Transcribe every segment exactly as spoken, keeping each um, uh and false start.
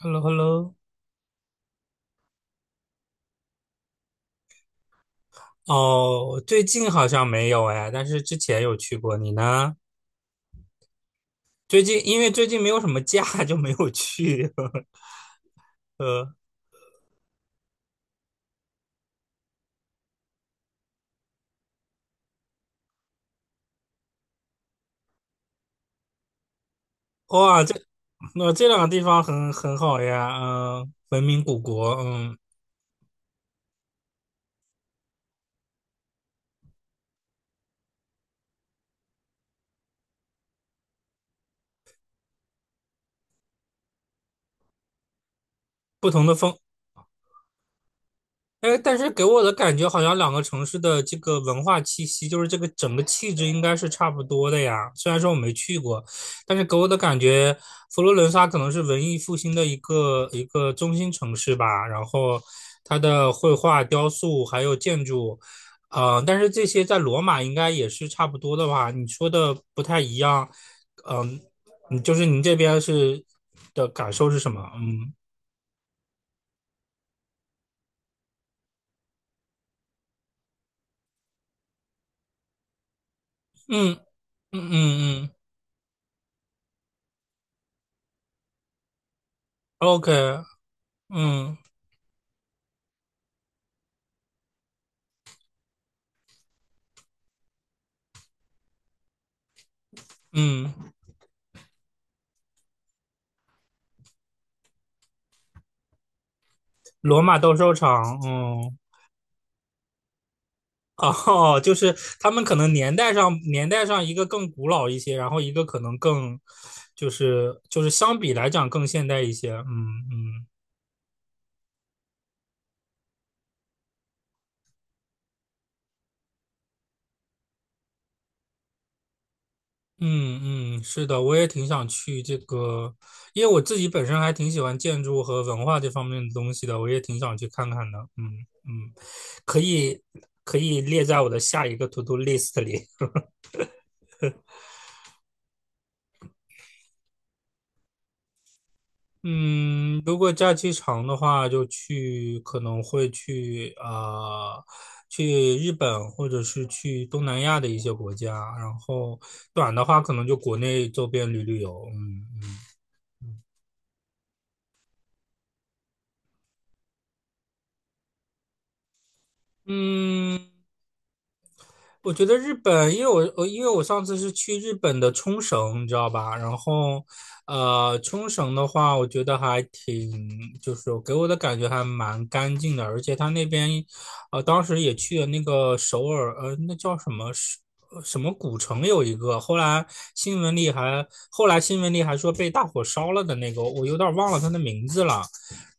h e l l o h e l l o 哦，最近好像没有哎，但是之前有去过。你呢？最近因为最近没有什么假，就没有去。呃哇，这那、这两个地方很很好呀，嗯、文明古国，嗯，不同的风哎，但是给我的感觉好像两个城市的这个文化气息，就是这个整个气质应该是差不多的呀。虽然说我没去过，但是给我的感觉，佛罗伦萨可能是文艺复兴的一个一个中心城市吧。然后它的绘画、雕塑还有建筑，呃，但是这些在罗马应该也是差不多的吧？你说的不太一样，呃嗯、你就是您这边是的感受是什么？嗯嗯嗯嗯嗯，OK，嗯。嗯，罗马斗兽场，嗯，哦，就是他们可能年代上年代上一个更古老一些，然后一个可能更就是就是相比来讲更现代一些，嗯嗯嗯嗯，是的，我也挺想去这个，因为我自己本身还挺喜欢建筑和文化这方面的东西的，我也挺想去看看的，嗯嗯，可以可以列在我的下一个 to do list 里。嗯，如果假期长的话，就去可能会去啊、呃去日本或者是去东南亚的一些国家。然后短的话，可能就国内周边旅旅游。嗯嗯。嗯我觉得日本，因为我我因为我上次是去日本的冲绳，你知道吧？然后，呃，冲绳的话，我觉得还挺，就是给我的感觉还蛮干净的，而且他那边，呃，当时也去了那个首尔，呃，那叫什么是呃什么古城有一个，后来新闻里还后来新闻里还说被大火烧了的那个，我有点忘了它的名字了。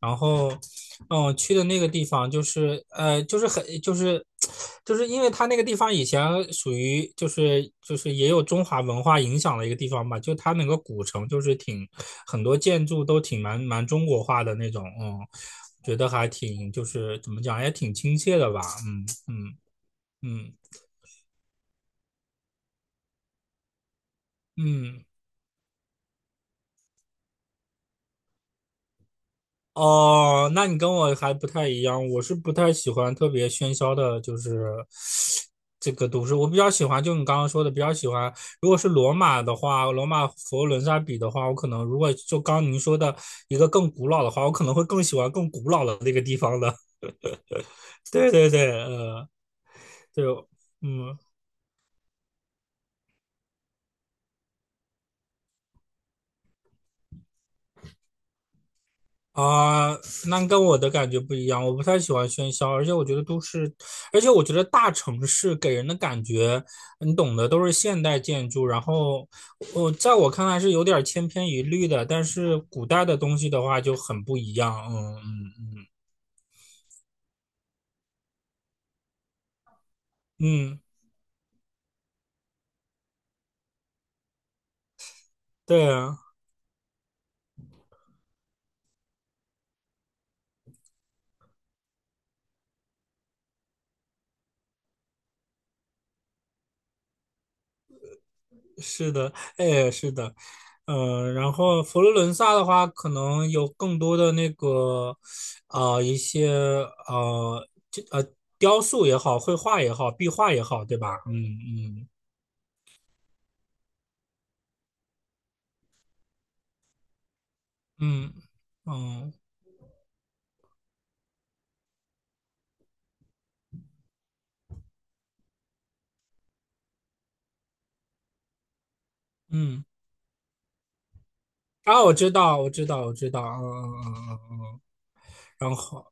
然后嗯，我去的那个地方就是呃，就是很就是就是因为它那个地方以前属于就是就是也有中华文化影响的一个地方吧，就它那个古城就是挺很多建筑都挺蛮蛮中国化的那种，嗯，觉得还挺就是怎么讲也挺亲切的吧，嗯嗯嗯嗯哦，那你跟我还不太一样，我是不太喜欢特别喧嚣的，就是这个都市。我比较喜欢，就你刚刚说的，比较喜欢。如果是罗马的话，罗马佛罗伦萨比的话，我可能如果就刚您说的一个更古老的话，我可能会更喜欢更古老的那个地方的。对对对，呃，就嗯。啊，那跟我的感觉不一样，我不太喜欢喧嚣，而且我觉得都市，而且我觉得大城市给人的感觉，你懂的，都是现代建筑，然后我在我看来是有点千篇一律的，但是古代的东西的话就很不一样，嗯嗯嗯嗯，对啊。是的，哎，是的，嗯，然后佛罗伦萨的话，可能有更多的那个，啊，一些呃，这呃，雕塑也好，绘画也好，壁画也好，对吧？嗯嗯嗯嗯嗯，啊，我知道，我知道，我知道，嗯嗯嗯嗯嗯，然后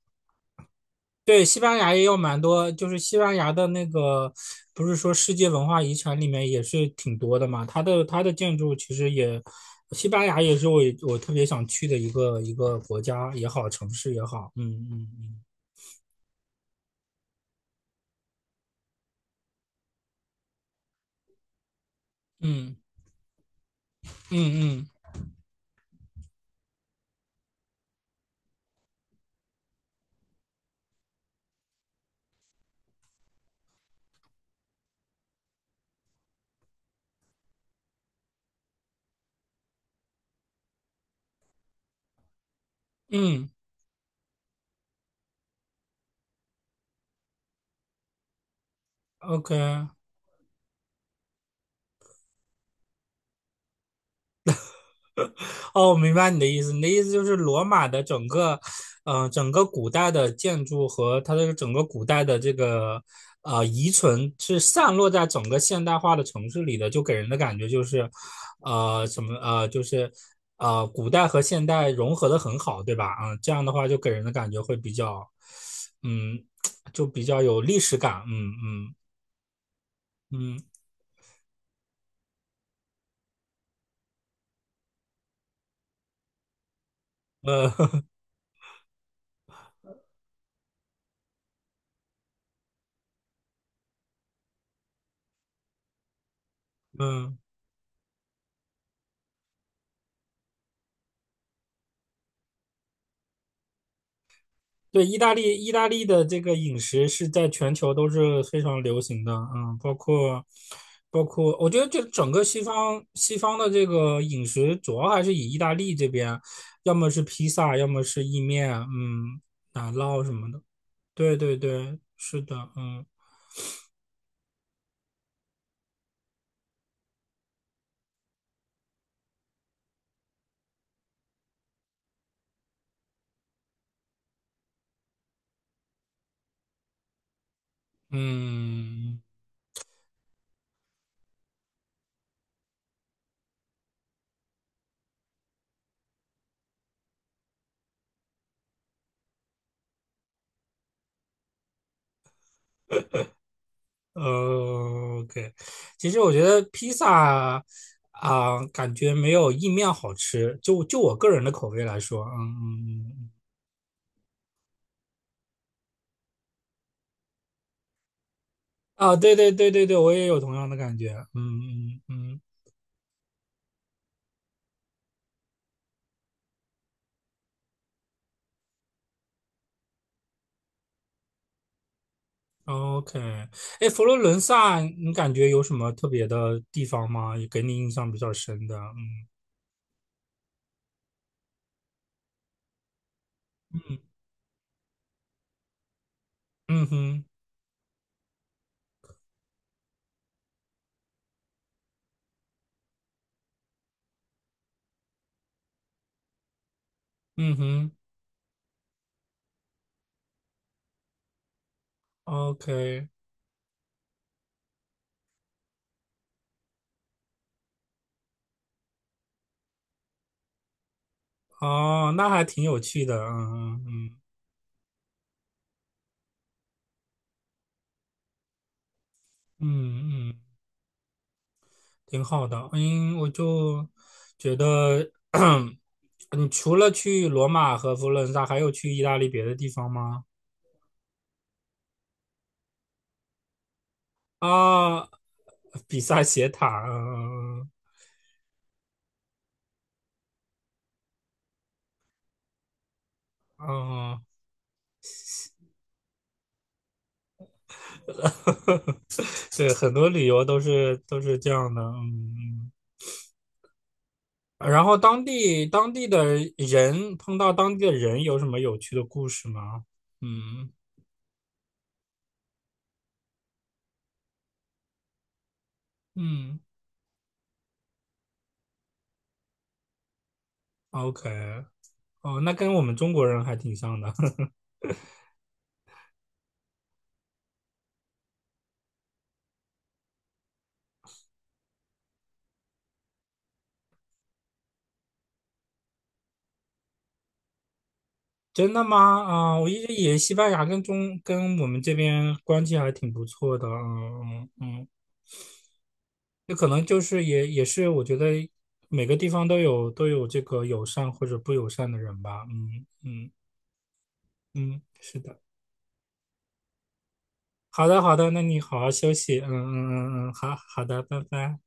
对，西班牙也有蛮多，就是西班牙的那个，不是说世界文化遗产里面也是挺多的嘛。它的它的建筑其实也，西班牙也是我我特别想去的一个一个国家也好，城市也好。嗯嗯嗯嗯嗯嗯嗯，OK。哦，我明白你的意思。你的意思就是罗马的整个，呃，整个古代的建筑和它的整个古代的这个呃遗存是散落在整个现代化的城市里的，就给人的感觉就是，呃，什么呃，就是呃，古代和现代融合的很好，对吧？嗯，这样的话就给人的感觉会比较，嗯，就比较有历史感。嗯嗯嗯呃 嗯。对，意大利，意大利的这个饮食是在全球都是非常流行的，嗯，包括包括，我觉得这整个西方西方的这个饮食主要还是以意大利这边，要么是披萨，要么是意面，嗯，奶酪什么的。对对对，是的，嗯嗯，呃，OK，其实我觉得披萨啊，感觉没有意面好吃，就就我个人的口味来说，嗯嗯嗯。嗯啊，对对对对对，我也有同样的感觉。嗯嗯嗯，OK。哎，佛罗伦萨，你感觉有什么特别的地方吗？也给你印象比较深的？嗯嗯嗯哼嗯哼，OK。哦，那还挺有趣的。嗯嗯嗯嗯嗯，挺好的。嗯，我就觉得，你除了去罗马和佛罗伦萨，还有去意大利别的地方吗？啊，比萨斜塔。嗯嗯嗯。嗯 对，很多旅游都是都是这样的，嗯。嗯然后当地当地的人碰到当地的人有什么有趣的故事吗？嗯嗯，OK，哦，那跟我们中国人还挺像的，真的吗？啊、我一直以为西班牙跟中跟我们这边关系还挺不错的，嗯嗯嗯，那可能就是也也是我觉得每个地方都有都有这个友善或者不友善的人吧，嗯嗯嗯，是的。好的，好的，那你好好休息。嗯嗯嗯嗯，嗯好好的，拜拜。